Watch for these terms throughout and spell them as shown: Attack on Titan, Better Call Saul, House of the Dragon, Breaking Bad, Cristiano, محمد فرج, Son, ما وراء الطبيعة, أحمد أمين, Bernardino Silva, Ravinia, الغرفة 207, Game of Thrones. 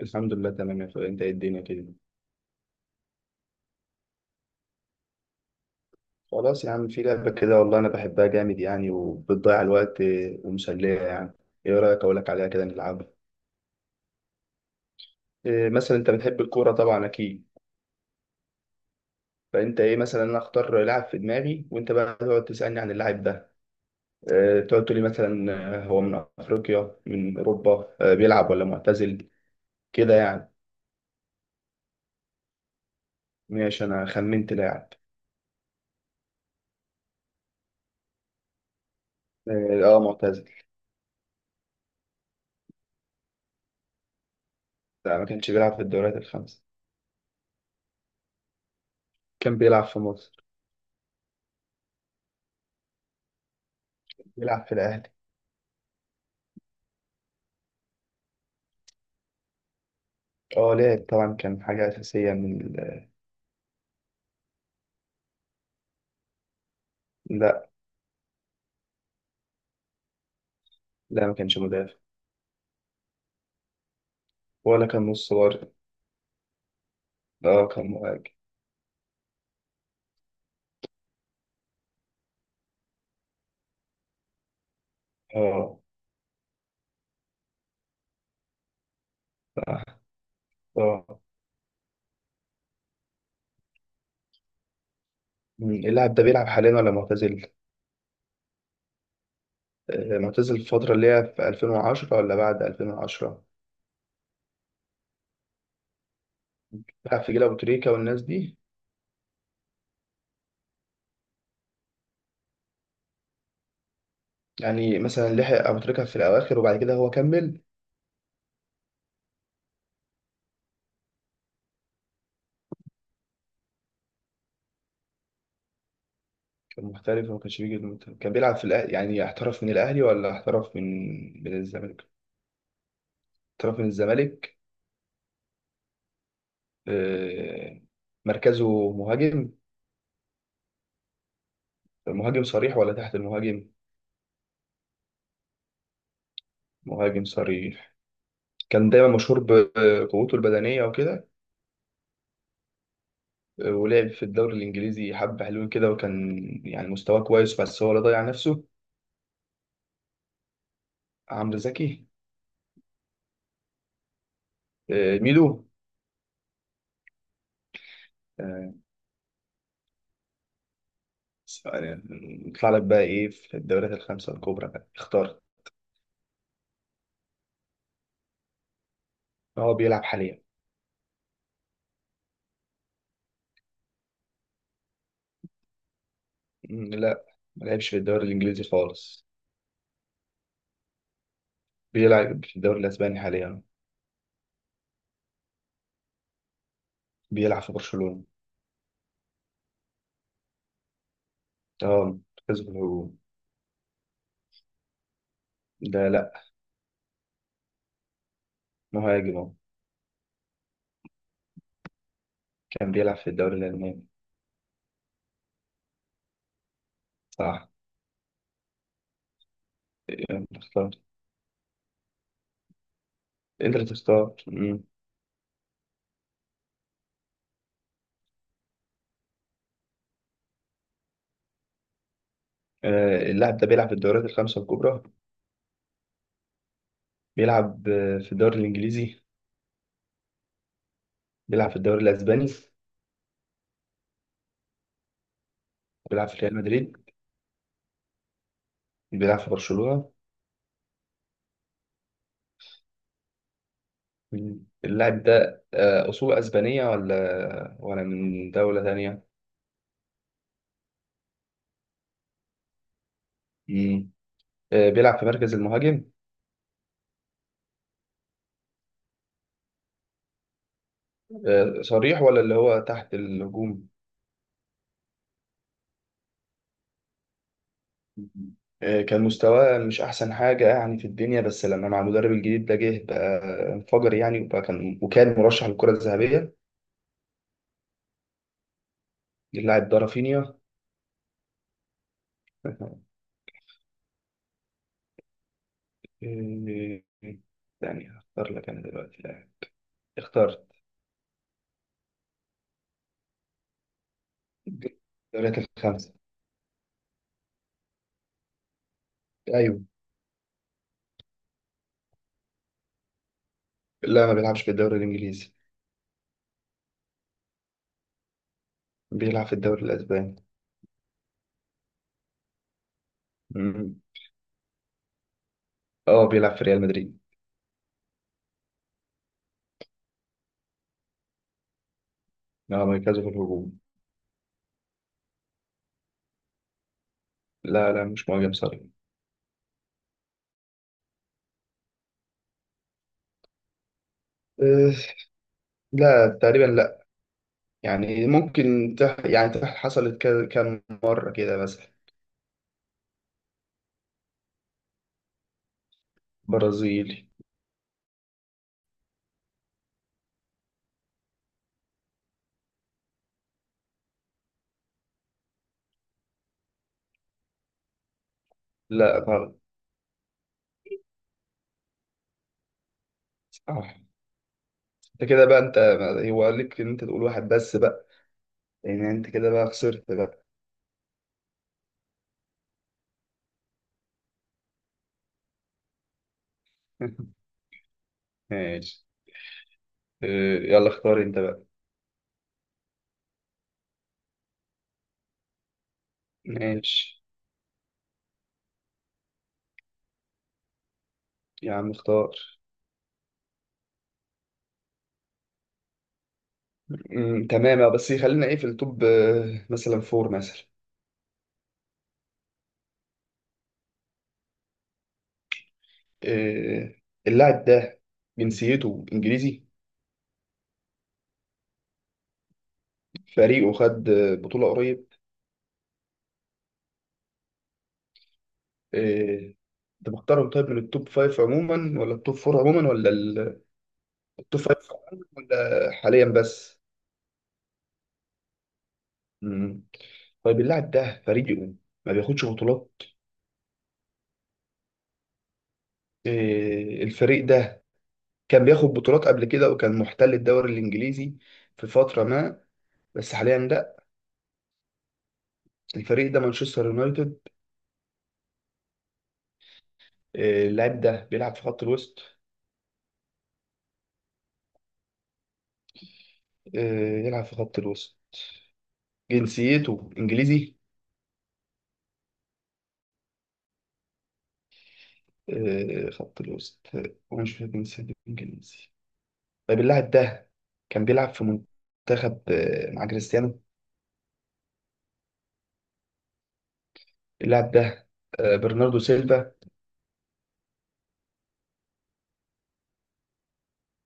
الحمد لله، تمام يا اخويا. انت ايه، الدنيا كده؟ خلاص يا عم، في لعبة كده والله انا بحبها جامد يعني وبتضيع الوقت ومسلية يعني. ايه رأيك اقول لك عليها كده نلعبها؟ إيه مثلا، انت بتحب الكورة طبعا؟ اكيد. فانت ايه مثلا، انا اختار لاعب في دماغي وانت بقى تقعد تسألني عن اللاعب ده. إيه، تقعد تقول لي مثلا اه، هو من افريقيا من اوروبا، بيلعب ولا معتزل، كده يعني. ماشي، انا خمنت لاعب. اه، اه، معتزل. لا، ما كانش بيلعب في الدوريات الخمسة. كان بيلعب في مصر. بيلعب في الاهلي. اه، لعب طبعا، كان حاجة أساسية من لا، لا، ما كانش مدافع. ولا كان نص برضه. اه، كان مهاجم. اه. صح. اه. مم. اللاعب ده بيلعب حاليا ولا معتزل؟ آه، معتزل. الفترة اللي هي في 2010 ولا بعد 2010؟ بيلعب في جيل أبو تريكة والناس دي. يعني مثلا لحق أبو تريكة في الأواخر وبعد كده هو كمل. كان محترف وما كانش بيجي المنتخب. كان بيلعب في الأهلي يعني احترف من الأهلي ولا احترف من من الزمالك؟ احترف من الزمالك. آه. مركزه مهاجم. مهاجم صريح ولا تحت المهاجم؟ مهاجم صريح. كان دايما مشهور بقوته البدنية وكده. ولعب في الدوري الإنجليزي حبة حلوين كده، وكان يعني مستواه كويس بس هو اللي ضيع نفسه. عمرو زكي. آه، ميدو. آه. يعني نطلع لك بقى إيه في الدوريات الخمسة الكبرى بقى، اختار. هو بيلعب حاليا. مم، لا. ما لعبش في الدوري الإنجليزي خالص. بيلعب في الدوري الأسباني حاليا. بيلعب في برشلونة. اه، مركزه في الهجوم. ده لا. مهاجم اهو. كان بيلعب في الدوري الألماني. صح. يلا اختار. انت اللي تختار. مم. آه، اللاعب ده بيلعب في الدوريات الخمسة الكبرى. بيلعب في الدوري الإنجليزي. بيلعب في الدوري الأسباني. بيلعب في ريال مدريد. بيلعب في برشلونة. مم. اللاعب ده أصول أسبانية ولا من دولة تانية؟ مم. آه، بيلعب في مركز المهاجم. آه، صريح ولا اللي هو تحت الهجوم؟ مم. آه، كان مستواه مش أحسن حاجة يعني في الدنيا، بس لما مع المدرب الجديد ده جه بقى انفجر يعني، وبقى كان مرشح للكرة الذهبية. اللاعب ده رافينيا. إيه، يعني هختار لك انا دلوقتي لاعب. اخترت. الدوريات الخمسة. ايوه. لا، ما بيلعبش في الدوري الانجليزي. بيلعب في الدوري الاسباني. مم. اه، بيلعب في ريال مدريد. اه، مركزه في الهجوم. لا، لا، مش مهاجم صريح. أه. لا، تقريبا لا. يعني ممكن حصلت كام مرة كده مثلا. برازيلي. لا، غلط. صح. انت كده بقى انت. هو ليك ان انت تقول واحد بس بقى. لان انت كده بقى خسرت بقى. ماشي. آه. يلا اختار انت بقى. ماشي. يا عم اختار. مم، تمام. بس خلينا ايه في التوب مثلا فور مثلا. آه. اللاعب ده جنسيته انجليزي؟ فريقه خد بطولة قريب؟ آه. انت مختارهم طيب من التوب فايف عموما ولا التوب فور عموما ولا التوب فايف عموما ولا حاليا بس؟ مم. طيب اللاعب ده فريقه ما بياخدش بطولات. آه، الفريق ده كان بياخد بطولات قبل كده وكان محتل الدوري الانجليزي في فتره ما، بس حاليا لا. الفريق ده مانشستر يونايتد. آه، اللاعب ده بيلعب في خط الوسط. آه. يلعب في خط الوسط. جنسيته انجليزي. آه، خط الوسط، آه. ومش في جنسيته انجليزي. طيب اللاعب ده كان بيلعب في منتخب مع كريستيانو. اللاعب ده برناردو سيلفا.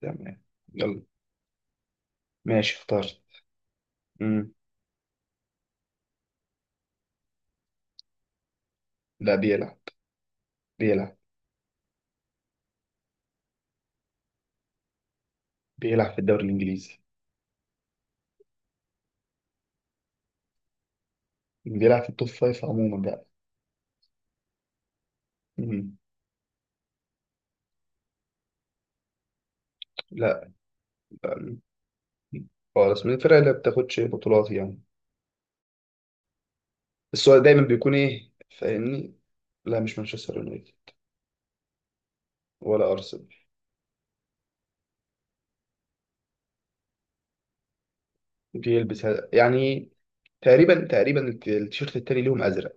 تمام. يلا. ماشي اخترت. مم. لا، بيلعب. بيلعب. بيلعب في الدوري الانجليزي. بيلعب في التوب فايف عموما. مم. لا. لا. خالص، من الفرق اللي ما بتاخدش بطولات يعني. بس هو دايما بيكون ايه، فاهمني. لا، مش مانشستر يونايتد. ولا ارسنال. بيلبس هذا يعني، تقريبا، تقريبا التيشيرت التاني ليهم ازرق.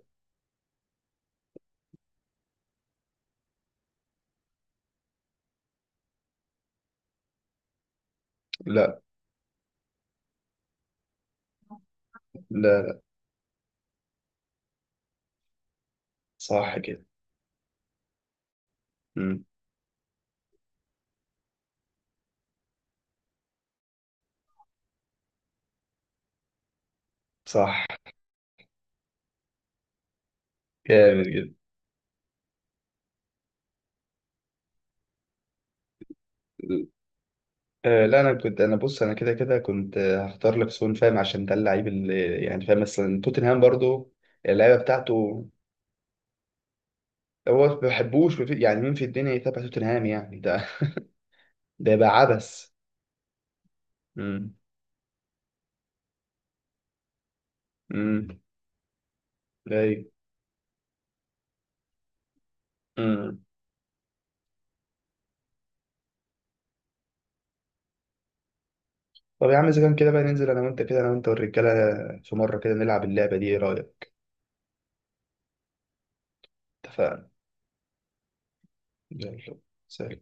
لا. لا. صح كده. مم. صح. جامد جدا. آه، لا، انا كنت، انا بص، انا كده كده كنت هختار لك سون فاهم عشان ده اللعيب اللي يعني فاهم مثلا توتنهام برضو. اللعيبه بتاعته. هو ما بحبوش ما في- يعني مين في الدنيا يتابع توتنهام، يعني ده. ده يبقى عبث. امم. امم. ايوه. امم. طب يا عم اذا كان كده بقى، ننزل انا وانت كده، انا وانت والرجاله، في مره كده نلعب اللعبه دي، ايه رايك؟ اتفقنا. يلا. سلام.